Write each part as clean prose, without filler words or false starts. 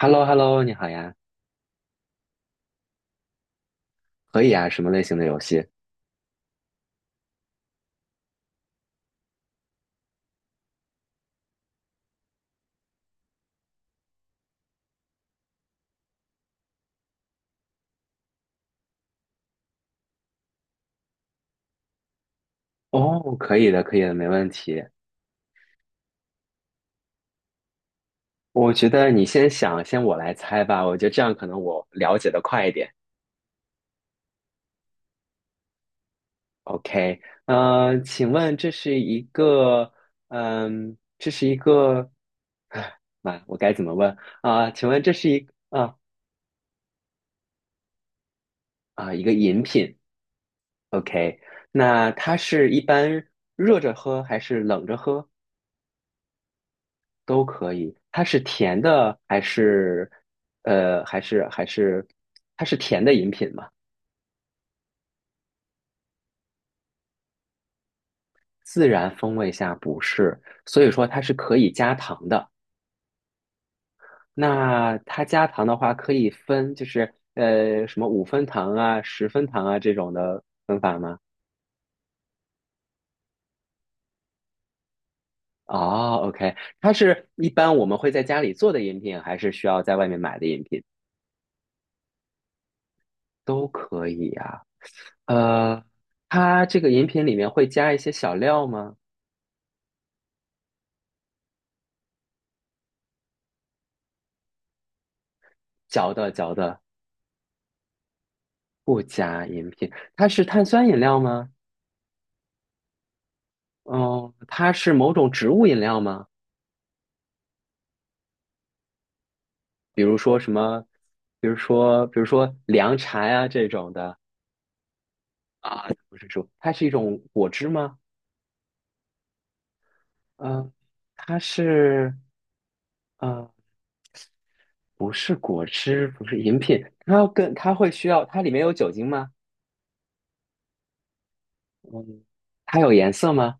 h e l l o h e l l o 你好呀，可以啊，什么类型的游戏？哦，可以的，可以的，没问题。我觉得你先想，先我来猜吧，我觉得这样可能我了解的快一点。OK，请问这是一个，嗯，这是一个，唉妈，我该怎么问啊？请问这是一啊啊一个饮品？OK，那它是一般热着喝还是冷着喝？都可以。它是甜的还是呃还是还是它是甜的饮品嘛？自然风味下不是，所以说它是可以加糖的。那它加糖的话，可以分就是什么五分糖啊、十分糖啊这种的分法吗？哦，OK，它是一般我们会在家里做的饮品，还是需要在外面买的饮品？都可以。呃，它这个饮品里面会加一些小料吗？嚼的嚼的。不加饮品，它是碳酸饮料吗？嗯，它是某种植物饮料吗？比如说什么，比如说，比如说凉茶呀、这种的，不是说它是一种果汁吗？嗯，它是，呃，不是果汁，不是饮品，它要跟它会需要，它里面有酒精吗？嗯，它有颜色吗？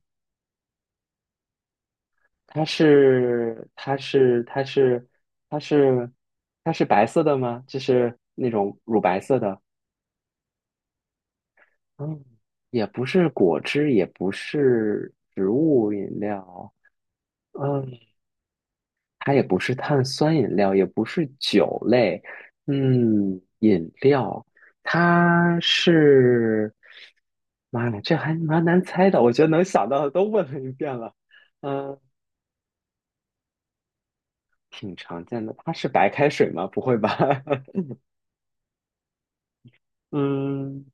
它是，它是，它是，它是，它是白色的吗？就是那种乳白色的。嗯，也不是果汁，也不是植物饮料，嗯，它也不是碳酸饮料，也不是酒类，嗯，饮料，它是，妈呀，这还蛮难猜的，我觉得能想到的都问了一遍了，嗯，挺常见的，它是白开水吗？不会吧？嗯，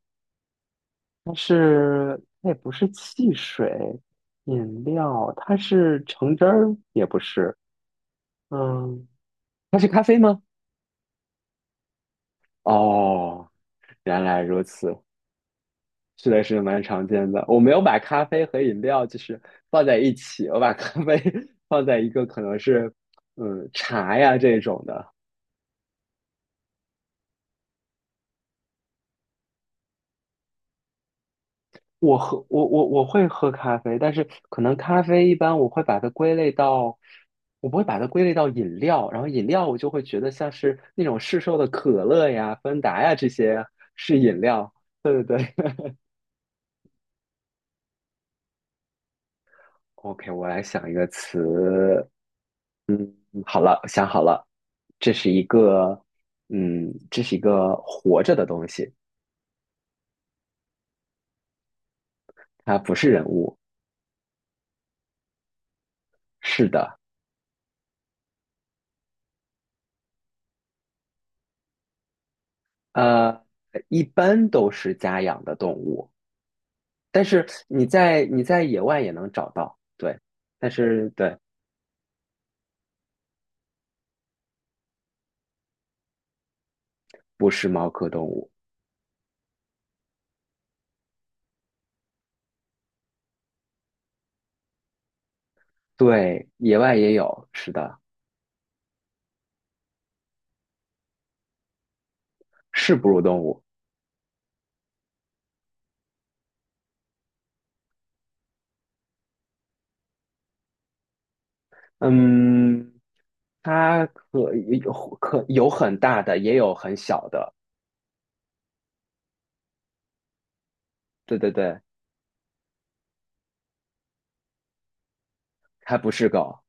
它是，它也不是汽水，饮料，它是橙汁儿，也不是。嗯，它是咖啡吗？哦，原来如此，是的，是蛮常见的。我没有把咖啡和饮料就是放在一起，我把咖啡 放在一个可能是嗯茶呀这种的。我会喝咖啡，但是可能咖啡一般我会把它归类到，我不会把它归类到饮料，然后饮料我就会觉得像是那种市售的可乐呀、芬达呀这些是饮料。对对对。OK，我来想一个词。好了，想好了，这是一个，嗯，这是一个活着的东西，它不是人物。是的，呃，一般都是家养的动物，但是你在野外也能找到，对，但是对，不是猫科动物，对，野外也有，是的，是哺乳动物，嗯，它可有可有很大的，也有很小的，对对对，它不是狗。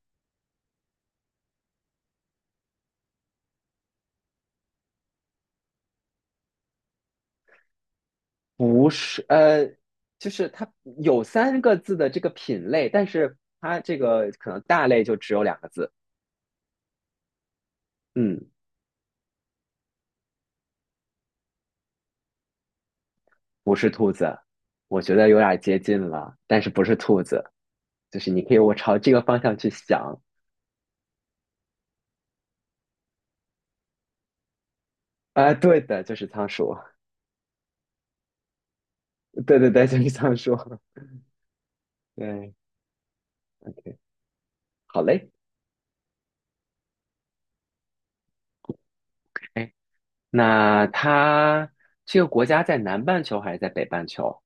不是，呃，就是它有三个字的这个品类，但是它这个可能大类就只有两个字。嗯，不是兔子，我觉得有点接近了，但是不是兔子，就是你可以我朝这个方向去想。啊、对的，就是仓鼠。对对对，就是仓鼠。对，好嘞。哎，那它这个国家在南半球还是在北半球？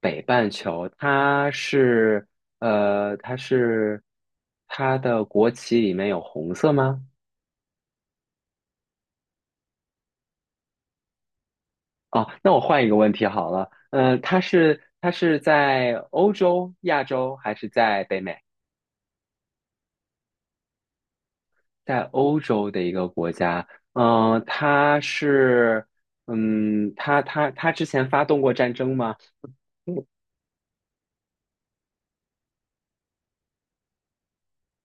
北半球，它是它的国旗里面有红色吗？哦，那我换一个问题好了，它是在欧洲、亚洲还是在北美？在欧洲的一个国家，嗯、呃它是嗯，它之前发动过战争吗？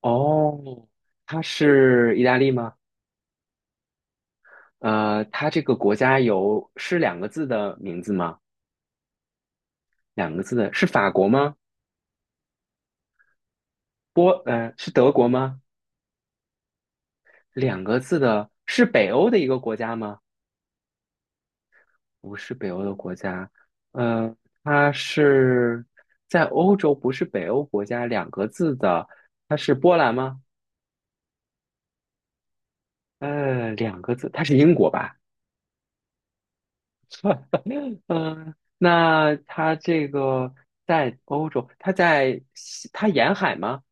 哦，它是意大利吗？呃，它这个国家有是两个字的名字吗？两个字的，是法国吗？是德国吗？两个字的，是北欧的一个国家吗？不是北欧的国家，呃，它是在欧洲，不是北欧国家。两个字的，它是波兰吗？呃，两个字，它是英国吧？嗯，那它这个在欧洲，它在西它沿海吗？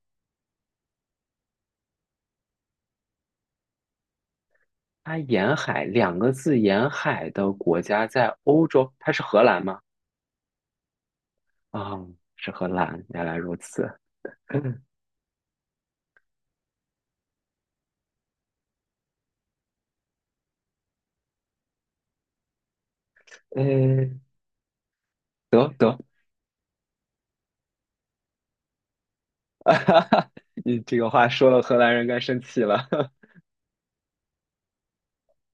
它沿海两个字，沿海的国家在欧洲，它是荷兰吗？啊，是荷兰，原来如此。嗯，得得，你这个话说了，荷兰人该生气了。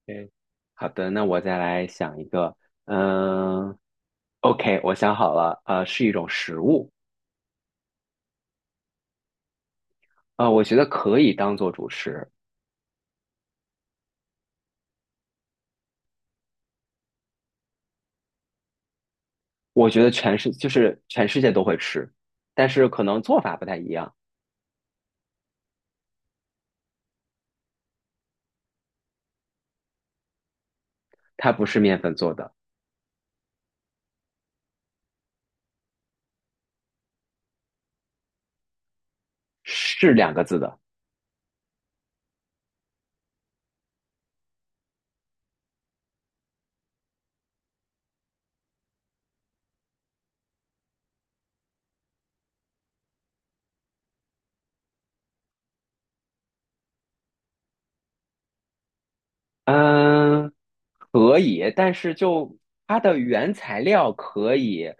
嗯，好的，那我再来想一个。嗯，OK，我想好了，呃，是一种食物，呃，我觉得可以当做主食，我觉得全世界都会吃，但是可能做法不太一样。它不是面粉做的，是两个字的。嗯，可以，但是就它的原材料可以，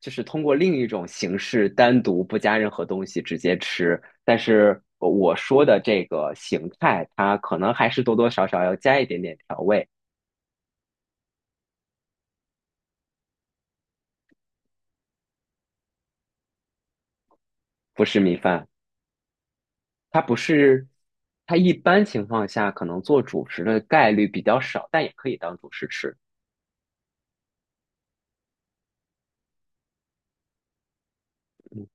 就是通过另一种形式单独不加任何东西直接吃，但是我说的这个形态，它可能还是多多少少要加一点点调味，不是米饭，它不是，它一般情况下可能做主食的概率比较少，但也可以当主食吃，嗯，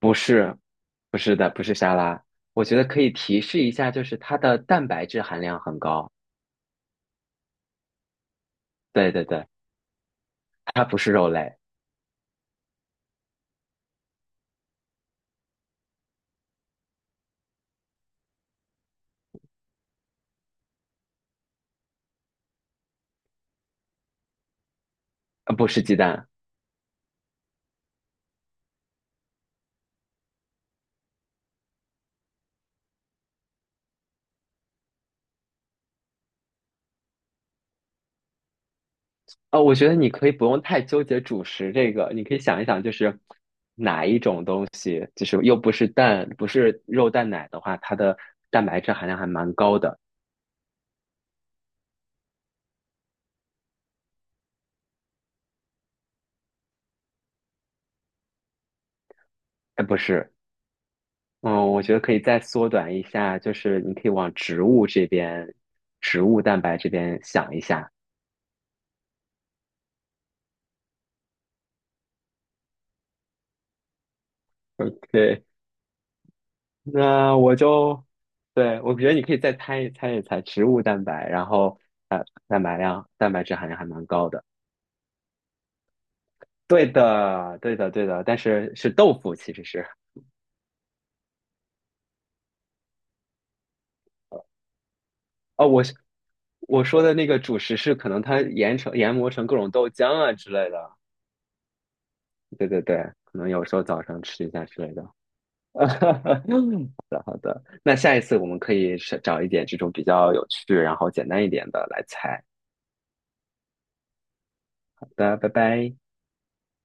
不是，不是的，不是沙拉，我觉得可以提示一下，就是它的蛋白质含量很高。对对对，它不是肉类，不是鸡蛋。哦，我觉得你可以不用太纠结主食这个，你可以想一想，就是哪一种东西，就是又不是蛋，不是肉蛋奶的话，它的蛋白质含量还蛮高的。哎，不是，嗯，我觉得可以再缩短一下，就是你可以往植物这边，植物蛋白这边想一下。对，那我就，对，我觉得你可以再猜一猜植物蛋白，然后蛋白量、蛋白质含量还蛮高的。对的，对的，对的，但是是豆腐，其实是哦，我说的那个主食是可能它研成研磨成各种豆浆啊之类的，对对对，可能有时候早上吃一下之类的。那下一次我们可以是找一点这种比较有趣，然后简单一点的来猜。好的，拜拜。